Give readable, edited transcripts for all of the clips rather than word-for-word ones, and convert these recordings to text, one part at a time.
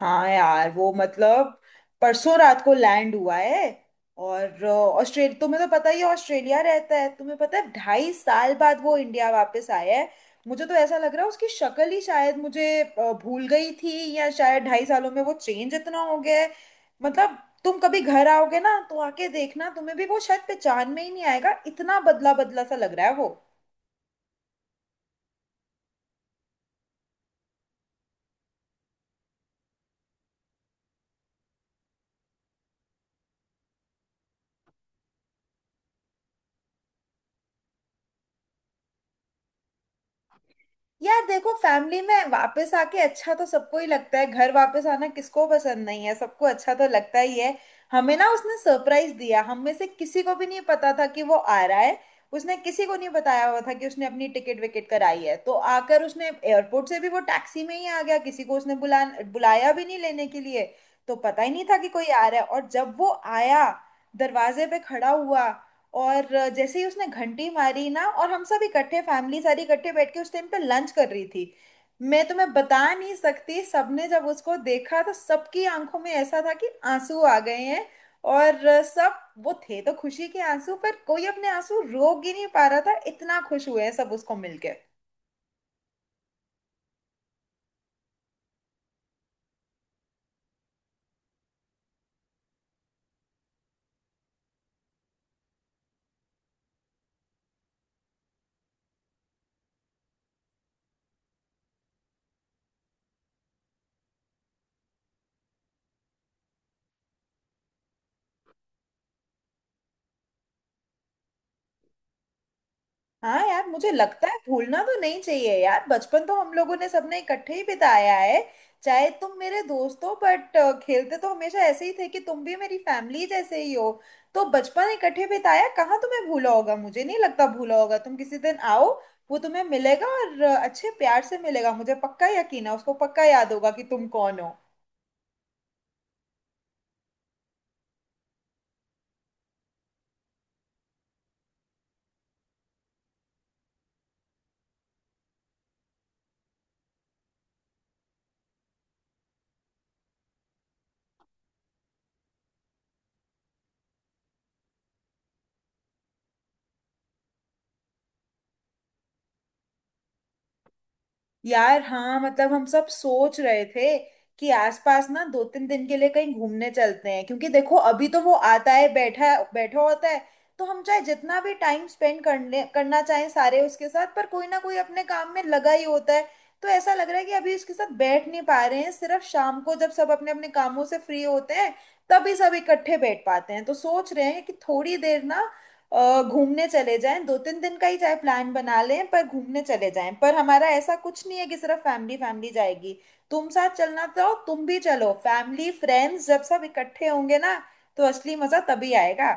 हाँ यार वो मतलब परसों रात को लैंड हुआ है। और ऑस्ट्रेलिया तुम्हें तो पता ही है, ऑस्ट्रेलिया रहता है। तुम्हें पता है, 2.5 साल बाद वो इंडिया वापस आया है। मुझे तो ऐसा लग रहा है उसकी शक्ल ही शायद मुझे भूल गई थी, या शायद 2.5 सालों में वो चेंज इतना हो गया है। मतलब तुम कभी घर आओगे ना, तो आके देखना तुम्हें भी वो शायद पहचान में ही नहीं आएगा, इतना बदला बदला सा लग रहा है वो। यार देखो, फैमिली में वापस आके अच्छा तो सबको ही लगता है। घर वापस आना किसको पसंद नहीं है, सबको अच्छा तो लगता ही है। हमें ना उसने सरप्राइज दिया, हम में से किसी को भी नहीं पता था कि वो आ रहा है। उसने किसी को नहीं बताया हुआ था कि उसने अपनी टिकट विकेट कराई है, तो आकर उसने एयरपोर्ट से भी वो टैक्सी में ही आ गया, किसी को उसने बुलाया भी नहीं लेने के लिए। तो पता ही नहीं था कि कोई आ रहा है, और जब वो आया, दरवाजे पे खड़ा हुआ। और जैसे ही उसने घंटी मारी ना, और हम सब इकट्ठे फैमिली सारी इकट्ठे बैठ के उस टाइम पे लंच कर रही थी। मैं तुम्हें बता नहीं सकती, सबने जब उसको देखा तो सबकी आंखों में ऐसा था कि आंसू आ गए हैं। और सब वो थे तो खुशी के आंसू, पर कोई अपने आंसू रोक ही नहीं पा रहा था, इतना खुश हुए हैं सब उसको मिलके। हाँ यार, मुझे लगता है भूलना तो नहीं चाहिए यार, बचपन तो हम लोगों ने सबने इकट्ठे ही बिताया है। चाहे तुम मेरे दोस्त हो बट खेलते तो हमेशा ऐसे ही थे कि तुम भी मेरी फैमिली जैसे ही हो। तो बचपन इकट्ठे बिताया, कहाँ तुम्हें भूला होगा, मुझे नहीं लगता भूला होगा। तुम किसी दिन आओ, वो तुम्हें मिलेगा, और अच्छे प्यार से मिलेगा। मुझे पक्का यकीन है उसको पक्का याद होगा कि तुम कौन हो। यार हाँ, मतलब हम सब सोच रहे थे कि आसपास ना 2-3 दिन के लिए कहीं घूमने चलते हैं, क्योंकि देखो अभी तो वो आता है बैठा बैठा होता है। तो हम चाहे जितना भी टाइम स्पेंड करने करना चाहें सारे उसके साथ, पर कोई ना कोई अपने काम में लगा ही होता है। तो ऐसा लग रहा है कि अभी उसके साथ बैठ नहीं पा रहे हैं, सिर्फ शाम को जब सब अपने अपने कामों से फ्री होते हैं तभी सब इकट्ठे बैठ पाते हैं। तो सोच रहे हैं कि थोड़ी देर ना घूमने चले जाएं, 2-3 दिन का ही चाहे प्लान बना लें, पर घूमने चले जाएं। पर हमारा ऐसा कुछ नहीं है कि सिर्फ फैमिली फैमिली जाएगी, तुम साथ चलना, तो तुम भी चलो। फैमिली फ्रेंड्स जब सब इकट्ठे होंगे ना, तो असली मजा तभी आएगा।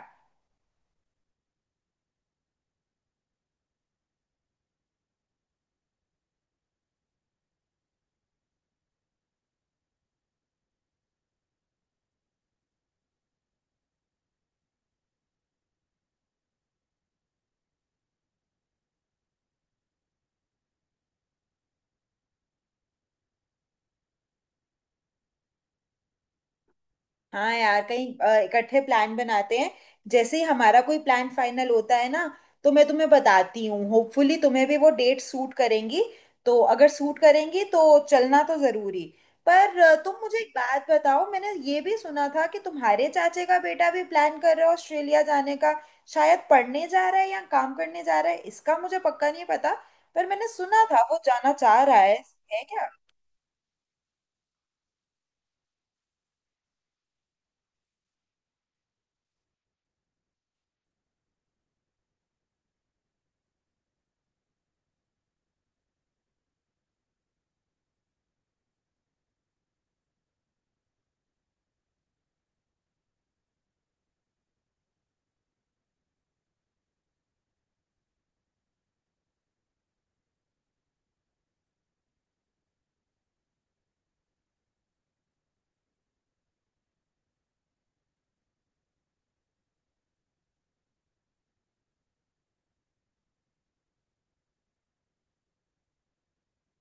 हाँ यार, कहीं इकट्ठे प्लान बनाते हैं। जैसे ही हमारा कोई प्लान फाइनल होता है ना, तो मैं तुम्हें बताती हूँ, होपफुली तुम्हें भी वो डेट सूट करेंगी। तो अगर सूट करेंगी तो चलना तो जरूरी। पर तुम मुझे एक बात बताओ, मैंने ये भी सुना था कि तुम्हारे चाचे का बेटा भी प्लान कर रहा है ऑस्ट्रेलिया जाने का। शायद पढ़ने जा रहा है या काम करने जा रहा है, इसका मुझे पक्का नहीं पता। पर मैंने सुना था वो जाना चाह रहा है। है क्या?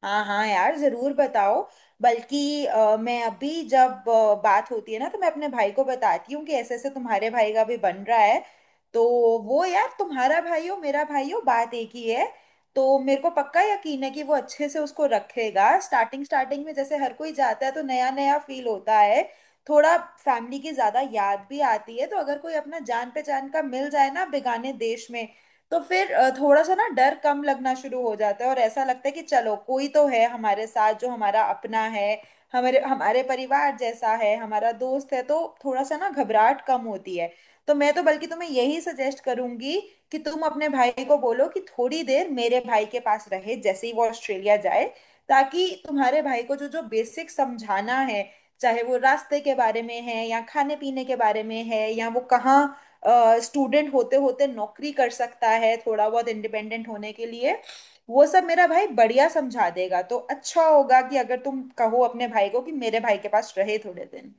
हाँ हाँ यार, जरूर बताओ। बल्कि मैं अभी जब बात होती है ना, तो मैं अपने भाई को बताती हूँ कि ऐसे ऐसे तुम्हारे भाई का भी बन रहा है। तो वो यार, तुम्हारा भाई हो मेरा भाई हो बात एक ही है। तो मेरे को पक्का यकीन है कि वो अच्छे से उसको रखेगा। स्टार्टिंग स्टार्टिंग में जैसे हर कोई जाता है तो नया नया फील होता है, थोड़ा फैमिली की ज्यादा याद भी आती है। तो अगर कोई अपना जान पहचान का मिल जाए ना बेगाने देश में, तो फिर थोड़ा सा ना डर कम लगना शुरू हो जाता है और ऐसा लगता है कि चलो कोई तो है हमारे साथ जो हमारा अपना है, हमारे हमारे परिवार जैसा है, हमारा दोस्त है। तो थोड़ा सा ना घबराहट कम होती है। तो मैं तो बल्कि तुम्हें यही सजेस्ट करूंगी कि तुम अपने भाई को बोलो कि थोड़ी देर मेरे भाई के पास रहे, जैसे ही वो ऑस्ट्रेलिया जाए, ताकि तुम्हारे भाई को जो जो बेसिक समझाना है, चाहे वो रास्ते के बारे में है या खाने पीने के बारे में है, या वो कहाँ स्टूडेंट होते होते नौकरी कर सकता है थोड़ा बहुत इंडिपेंडेंट होने के लिए, वो सब मेरा भाई बढ़िया समझा देगा। तो अच्छा होगा कि अगर तुम कहो अपने भाई को कि मेरे भाई के पास रहे थोड़े दिन।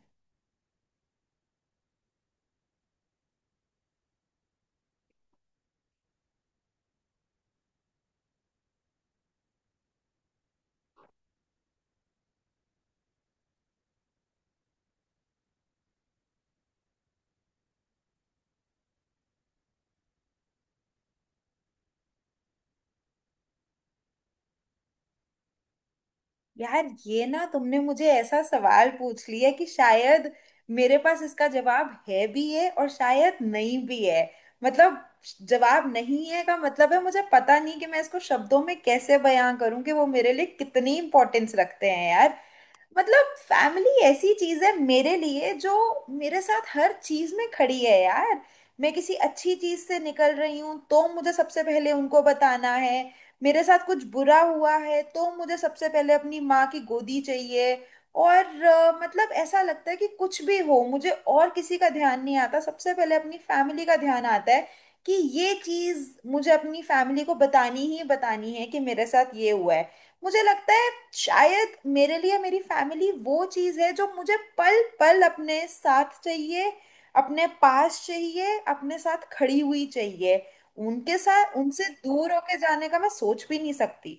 यार ये ना, तुमने मुझे ऐसा सवाल पूछ लिया कि शायद मेरे पास इसका जवाब है भी है और शायद नहीं भी है। मतलब जवाब नहीं है का मतलब है, मुझे पता नहीं कि मैं इसको शब्दों में कैसे बयां करूं कि वो मेरे लिए कितनी इंपॉर्टेंस रखते हैं यार। मतलब फैमिली ऐसी चीज है मेरे लिए जो मेरे साथ हर चीज में खड़ी है यार। मैं किसी अच्छी चीज से निकल रही हूँ तो मुझे सबसे पहले उनको बताना है, मेरे साथ कुछ बुरा हुआ है तो मुझे सबसे पहले अपनी माँ की गोदी चाहिए। और मतलब ऐसा लगता है कि कुछ भी हो मुझे और किसी का ध्यान नहीं आता, सबसे पहले अपनी फैमिली का ध्यान आता है कि ये चीज मुझे अपनी फैमिली को बतानी ही बतानी है, कि मेरे साथ ये हुआ है। मुझे लगता है शायद मेरे लिए मेरी फैमिली वो चीज है जो मुझे पल पल अपने साथ चाहिए, अपने पास चाहिए, अपने साथ खड़ी हुई चाहिए। उनके साथ उनसे दूर होके जाने का मैं सोच भी नहीं सकती।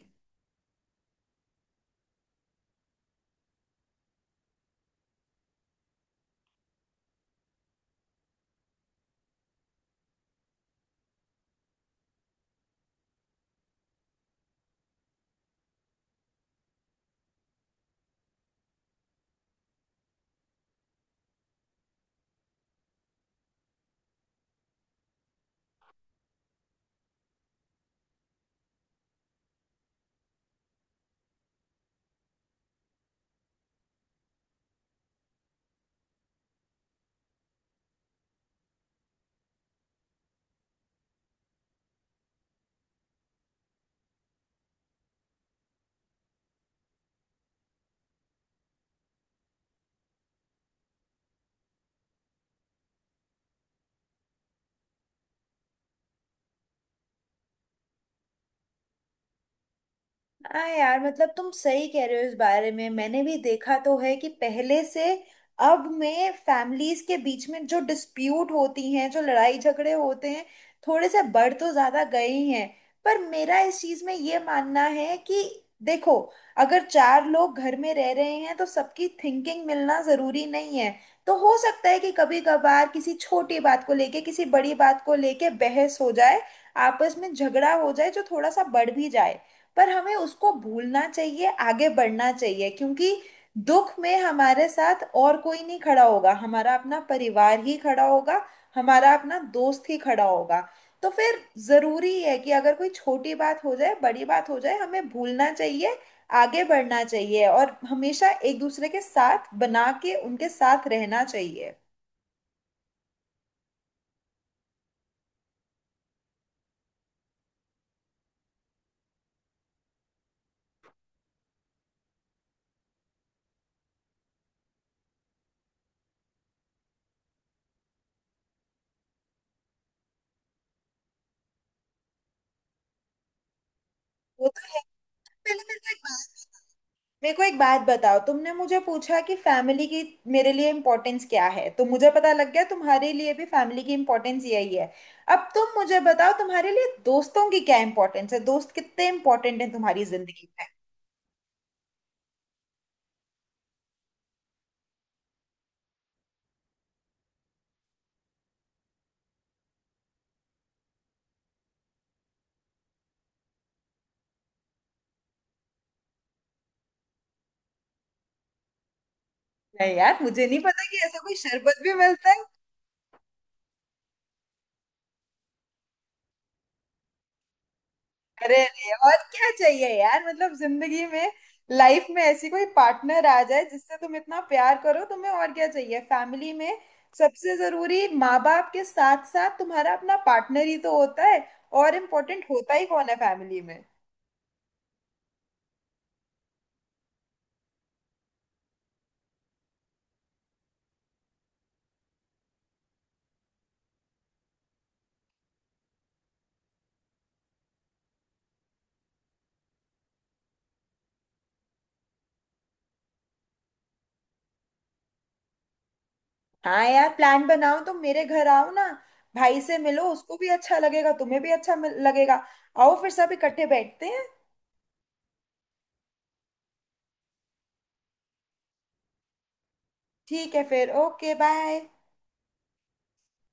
हाँ यार, मतलब तुम सही कह रहे हो। इस बारे में मैंने भी देखा तो है कि पहले से अब में फैमिलीज के बीच में जो डिस्प्यूट होती हैं, जो लड़ाई झगड़े होते हैं, थोड़े से बढ़ तो ज्यादा गए ही हैं। पर मेरा इस चीज में ये मानना है कि देखो, अगर चार लोग घर में रह रहे हैं तो सबकी थिंकिंग मिलना जरूरी नहीं है। तो हो सकता है कि कभी कभार किसी छोटी बात को लेके किसी बड़ी बात को लेके बहस हो जाए, आपस में झगड़ा हो जाए, जो थोड़ा सा बढ़ भी जाए। पर हमें उसको भूलना चाहिए, आगे बढ़ना चाहिए, क्योंकि दुख में हमारे साथ और कोई नहीं खड़ा होगा, हमारा अपना परिवार ही खड़ा होगा, हमारा अपना दोस्त ही खड़ा होगा। तो फिर जरूरी है कि अगर कोई छोटी बात हो जाए, बड़ी बात हो जाए, हमें भूलना चाहिए, आगे बढ़ना चाहिए और हमेशा एक दूसरे के साथ बना के उनके साथ रहना चाहिए। वो तो है। पहले मेरे को एक बात बताओ, तुमने मुझे पूछा कि फैमिली की मेरे लिए इम्पोर्टेंस क्या है, तो मुझे पता लग गया तुम्हारे लिए भी फैमिली की इम्पोर्टेंस यही है। अब तुम मुझे बताओ तुम्हारे लिए दोस्तों की क्या इम्पोर्टेंस है, दोस्त कितने इम्पोर्टेंट हैं तुम्हारी जिंदगी में। नहीं यार, मुझे नहीं पता कि ऐसा कोई शरबत भी मिलता है। अरे अरे, और क्या चाहिए यार, मतलब जिंदगी में। लाइफ में ऐसी कोई पार्टनर आ जाए जिससे तुम इतना प्यार करो, तुम्हें और क्या चाहिए फैमिली में। सबसे जरूरी माँ बाप के साथ साथ तुम्हारा अपना पार्टनर ही तो होता है। और इम्पोर्टेंट होता ही कौन है फैमिली में। हाँ यार, प्लान बनाओ, तुम मेरे घर आओ ना, भाई से मिलो, उसको भी अच्छा लगेगा, तुम्हें भी अच्छा लगेगा। आओ फिर सब इकट्ठे बैठते हैं। ठीक है फिर। Okay bye.